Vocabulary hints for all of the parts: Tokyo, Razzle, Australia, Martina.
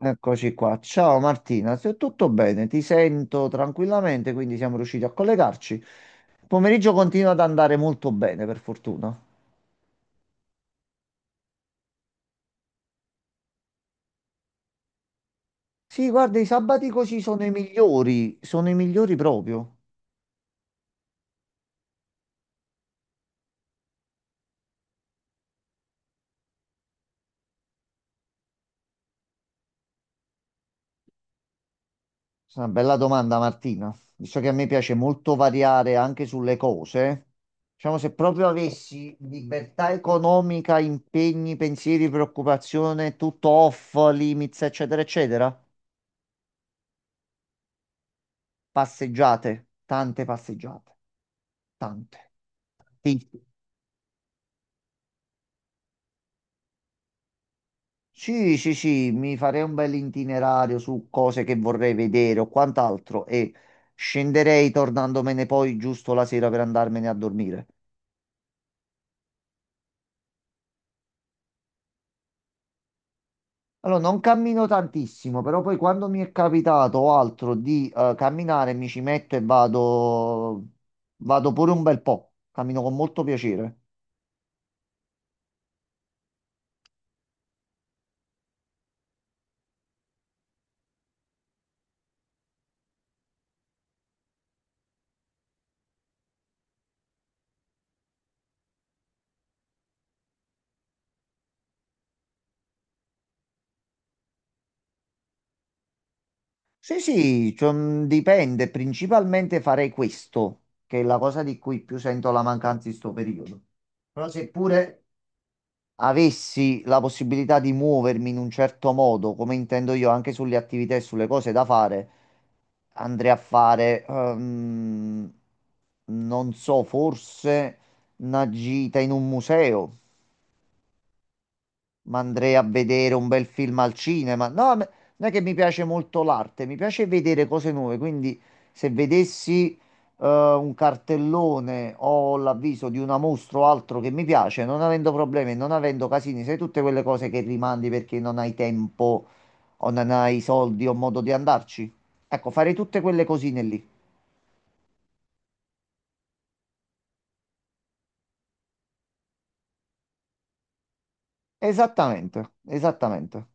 Eccoci qua. Ciao Martina, se tutto bene, ti sento tranquillamente, quindi siamo riusciti a collegarci. Il pomeriggio continua ad andare molto bene, per fortuna. Sì, guarda, i sabati così sono i migliori proprio. È una bella domanda, Martina. Visto che a me piace molto variare anche sulle cose, diciamo se proprio avessi libertà economica, impegni, pensieri, preoccupazione, tutto off, limits, eccetera, eccetera, passeggiate, tante passeggiate. Tante. Sì, sì, sì, sì, mi farei un bel itinerario su cose che vorrei vedere o quant'altro e scenderei tornandomene poi giusto la sera per andarmene a dormire. Allora, non cammino tantissimo, però poi quando mi è capitato o altro di camminare mi ci metto e vado, vado pure un bel po'. Cammino con molto piacere. Sì, sì, cioè, dipende. Principalmente farei questo, che è la cosa di cui più sento la mancanza in sto periodo. Però seppure avessi la possibilità di muovermi in un certo modo, come intendo io, anche sulle attività e sulle cose da fare, andrei a fare, non so, forse una gita in un museo. Ma andrei a vedere un bel film al cinema. No, non è che mi piace molto l'arte, mi piace vedere cose nuove. Quindi, se vedessi un cartellone o l'avviso di una mostra o altro che mi piace, non avendo problemi, non avendo casini, sai tutte quelle cose che rimandi perché non hai tempo o non hai soldi o modo di andarci. Ecco, farei tutte quelle cosine lì. Esattamente, esattamente.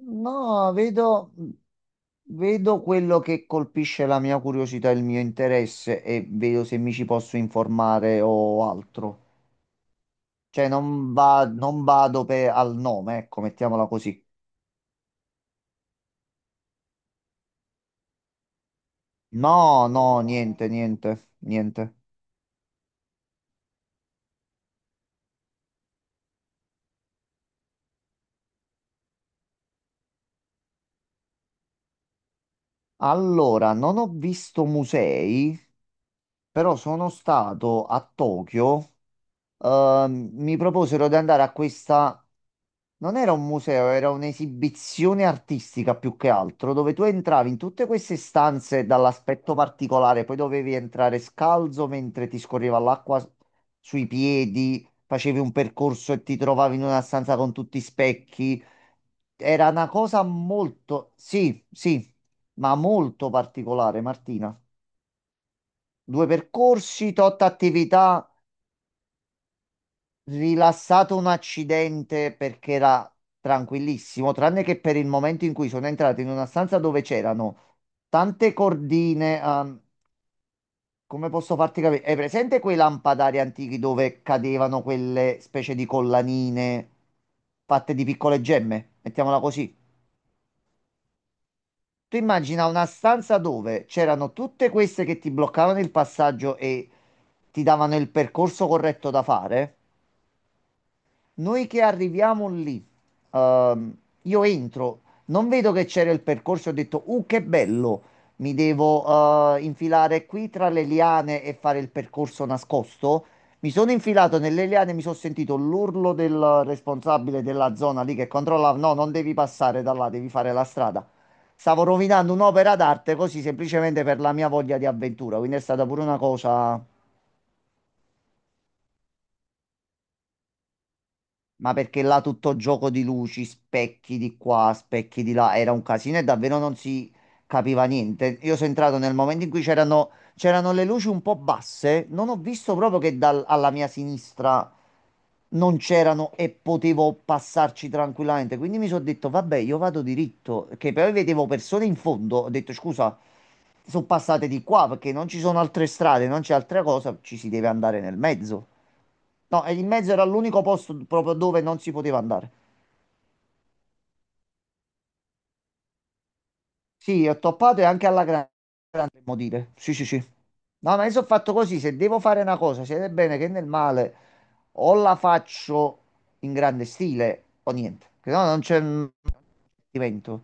No, vedo, vedo quello che colpisce la mia curiosità, e il mio interesse e vedo se mi ci posso informare o altro. Cioè, non vado per, al nome, ecco, mettiamola così. No, no, niente, niente, niente. Allora, non ho visto musei, però sono stato a Tokyo. Mi proposero di andare a questa Non era un museo, era un'esibizione artistica più che altro, dove tu entravi in tutte queste stanze dall'aspetto particolare, poi dovevi entrare scalzo mentre ti scorreva l'acqua sui piedi, facevi un percorso e ti trovavi in una stanza con tutti i specchi. Era una cosa molto, sì, sì, ma molto particolare, Martina. Due percorsi, tot attività. Rilassato un accidente perché era tranquillissimo, tranne che per il momento in cui sono entrato in una stanza dove c'erano tante cordine. Come posso farti capire? È presente quei lampadari antichi dove cadevano quelle specie di collanine fatte di piccole gemme? Mettiamola così. Tu immagina una stanza dove c'erano tutte queste che ti bloccavano il passaggio e ti davano il percorso corretto da fare. Noi che arriviamo lì, ehm, io entro, non vedo che c'era il percorso, ho detto, che bello, mi devo infilare qui tra le liane e fare il percorso nascosto. Mi sono infilato nelle liane, mi sono sentito l'urlo del responsabile della zona lì che controllava, no, non devi passare da là, devi fare la strada. Stavo rovinando un'opera d'arte così semplicemente per la mia voglia di avventura, quindi è stata pure una cosa. Ma perché là tutto gioco di luci, specchi di qua, specchi di là, era un casino e davvero non si capiva niente. Io sono entrato nel momento in cui c'erano le luci un po' basse, non ho visto proprio che alla mia sinistra non c'erano e potevo passarci tranquillamente. Quindi mi sono detto, vabbè, io vado diritto, che poi vedevo persone in fondo, ho detto, scusa, sono passate di qua perché non ci sono altre strade, non c'è altra cosa, ci si deve andare nel mezzo. No, e in mezzo era l'unico posto proprio dove non si poteva andare. Sì, ho toppato e anche grande, potremmo dire. Sì, sì, sì. No, ma io sono fatto così, se devo fare una cosa, sia nel bene che nel male, o la faccio in grande stile o niente. Che no, non c'è un divertimento.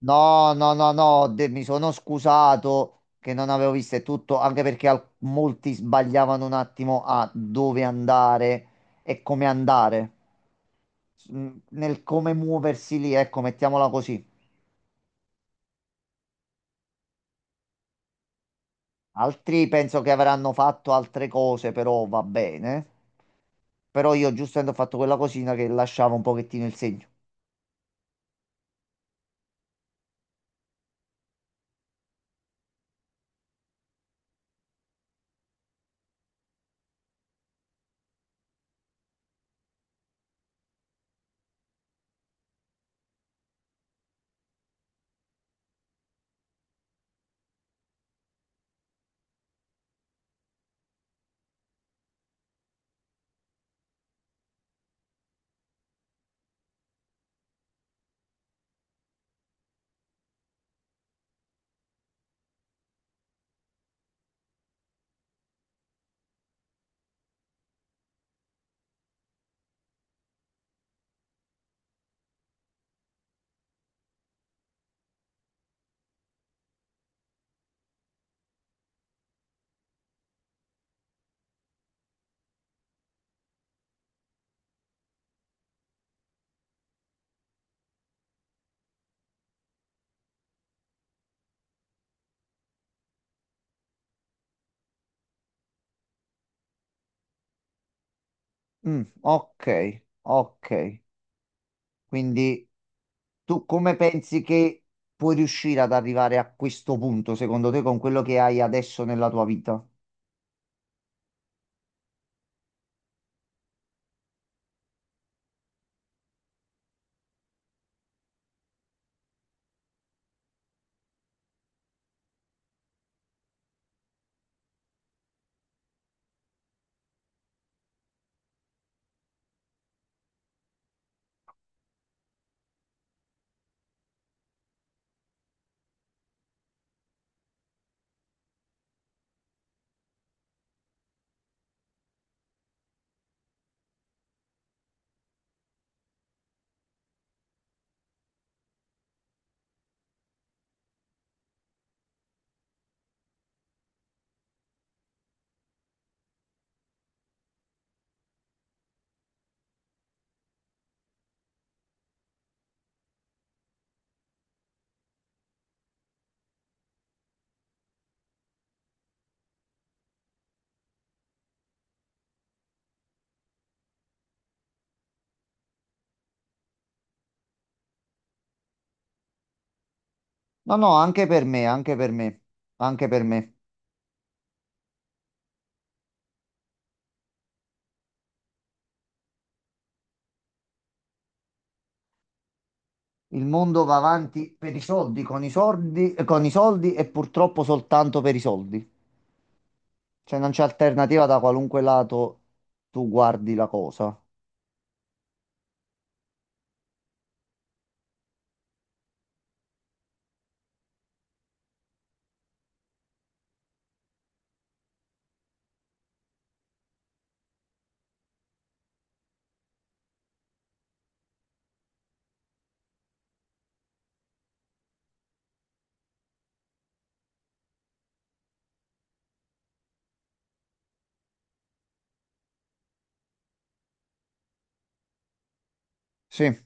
No, no, no, no, mi sono scusato che non avevo visto e tutto, anche perché molti sbagliavano un attimo a dove andare e come andare. Nel come muoversi lì, ecco, mettiamola così. Altri penso che avranno fatto altre cose, però va bene. Però io giustamente ho fatto quella cosina che lasciava un pochettino il segno. Mm, ok, ok. Quindi tu come pensi che puoi riuscire ad arrivare a questo punto, secondo te, con quello che hai adesso nella tua vita? No, no, anche per me, anche per me, anche per me. Il mondo va avanti per i soldi, con i soldi, con i soldi e purtroppo soltanto per i soldi. Cioè non c'è alternativa da qualunque lato tu guardi la cosa. Sì.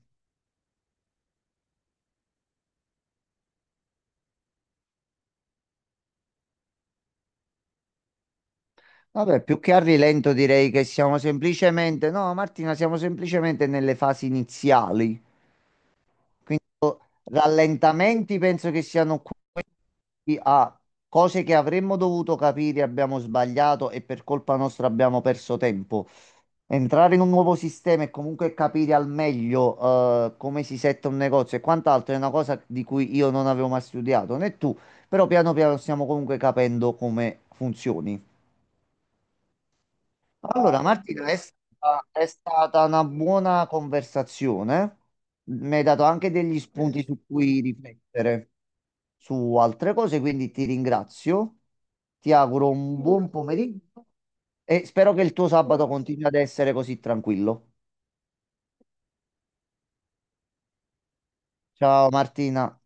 Vabbè, più che a rilento direi che siamo semplicemente, no, Martina, siamo semplicemente nelle fasi iniziali. Quindi rallentamenti penso che siano chi ha cose che avremmo dovuto capire, abbiamo sbagliato e per colpa nostra abbiamo perso tempo. Entrare in un nuovo sistema e comunque capire al meglio come si setta un negozio e quant'altro è una cosa di cui io non avevo mai studiato, né tu, però piano piano stiamo comunque capendo come funzioni. Allora, Martina, è stata una buona conversazione. Mi hai dato anche degli spunti su cui riflettere su altre cose, quindi ti ringrazio. Ti auguro un buon pomeriggio e spero che il tuo sabato continui ad essere così tranquillo. Ciao Martina.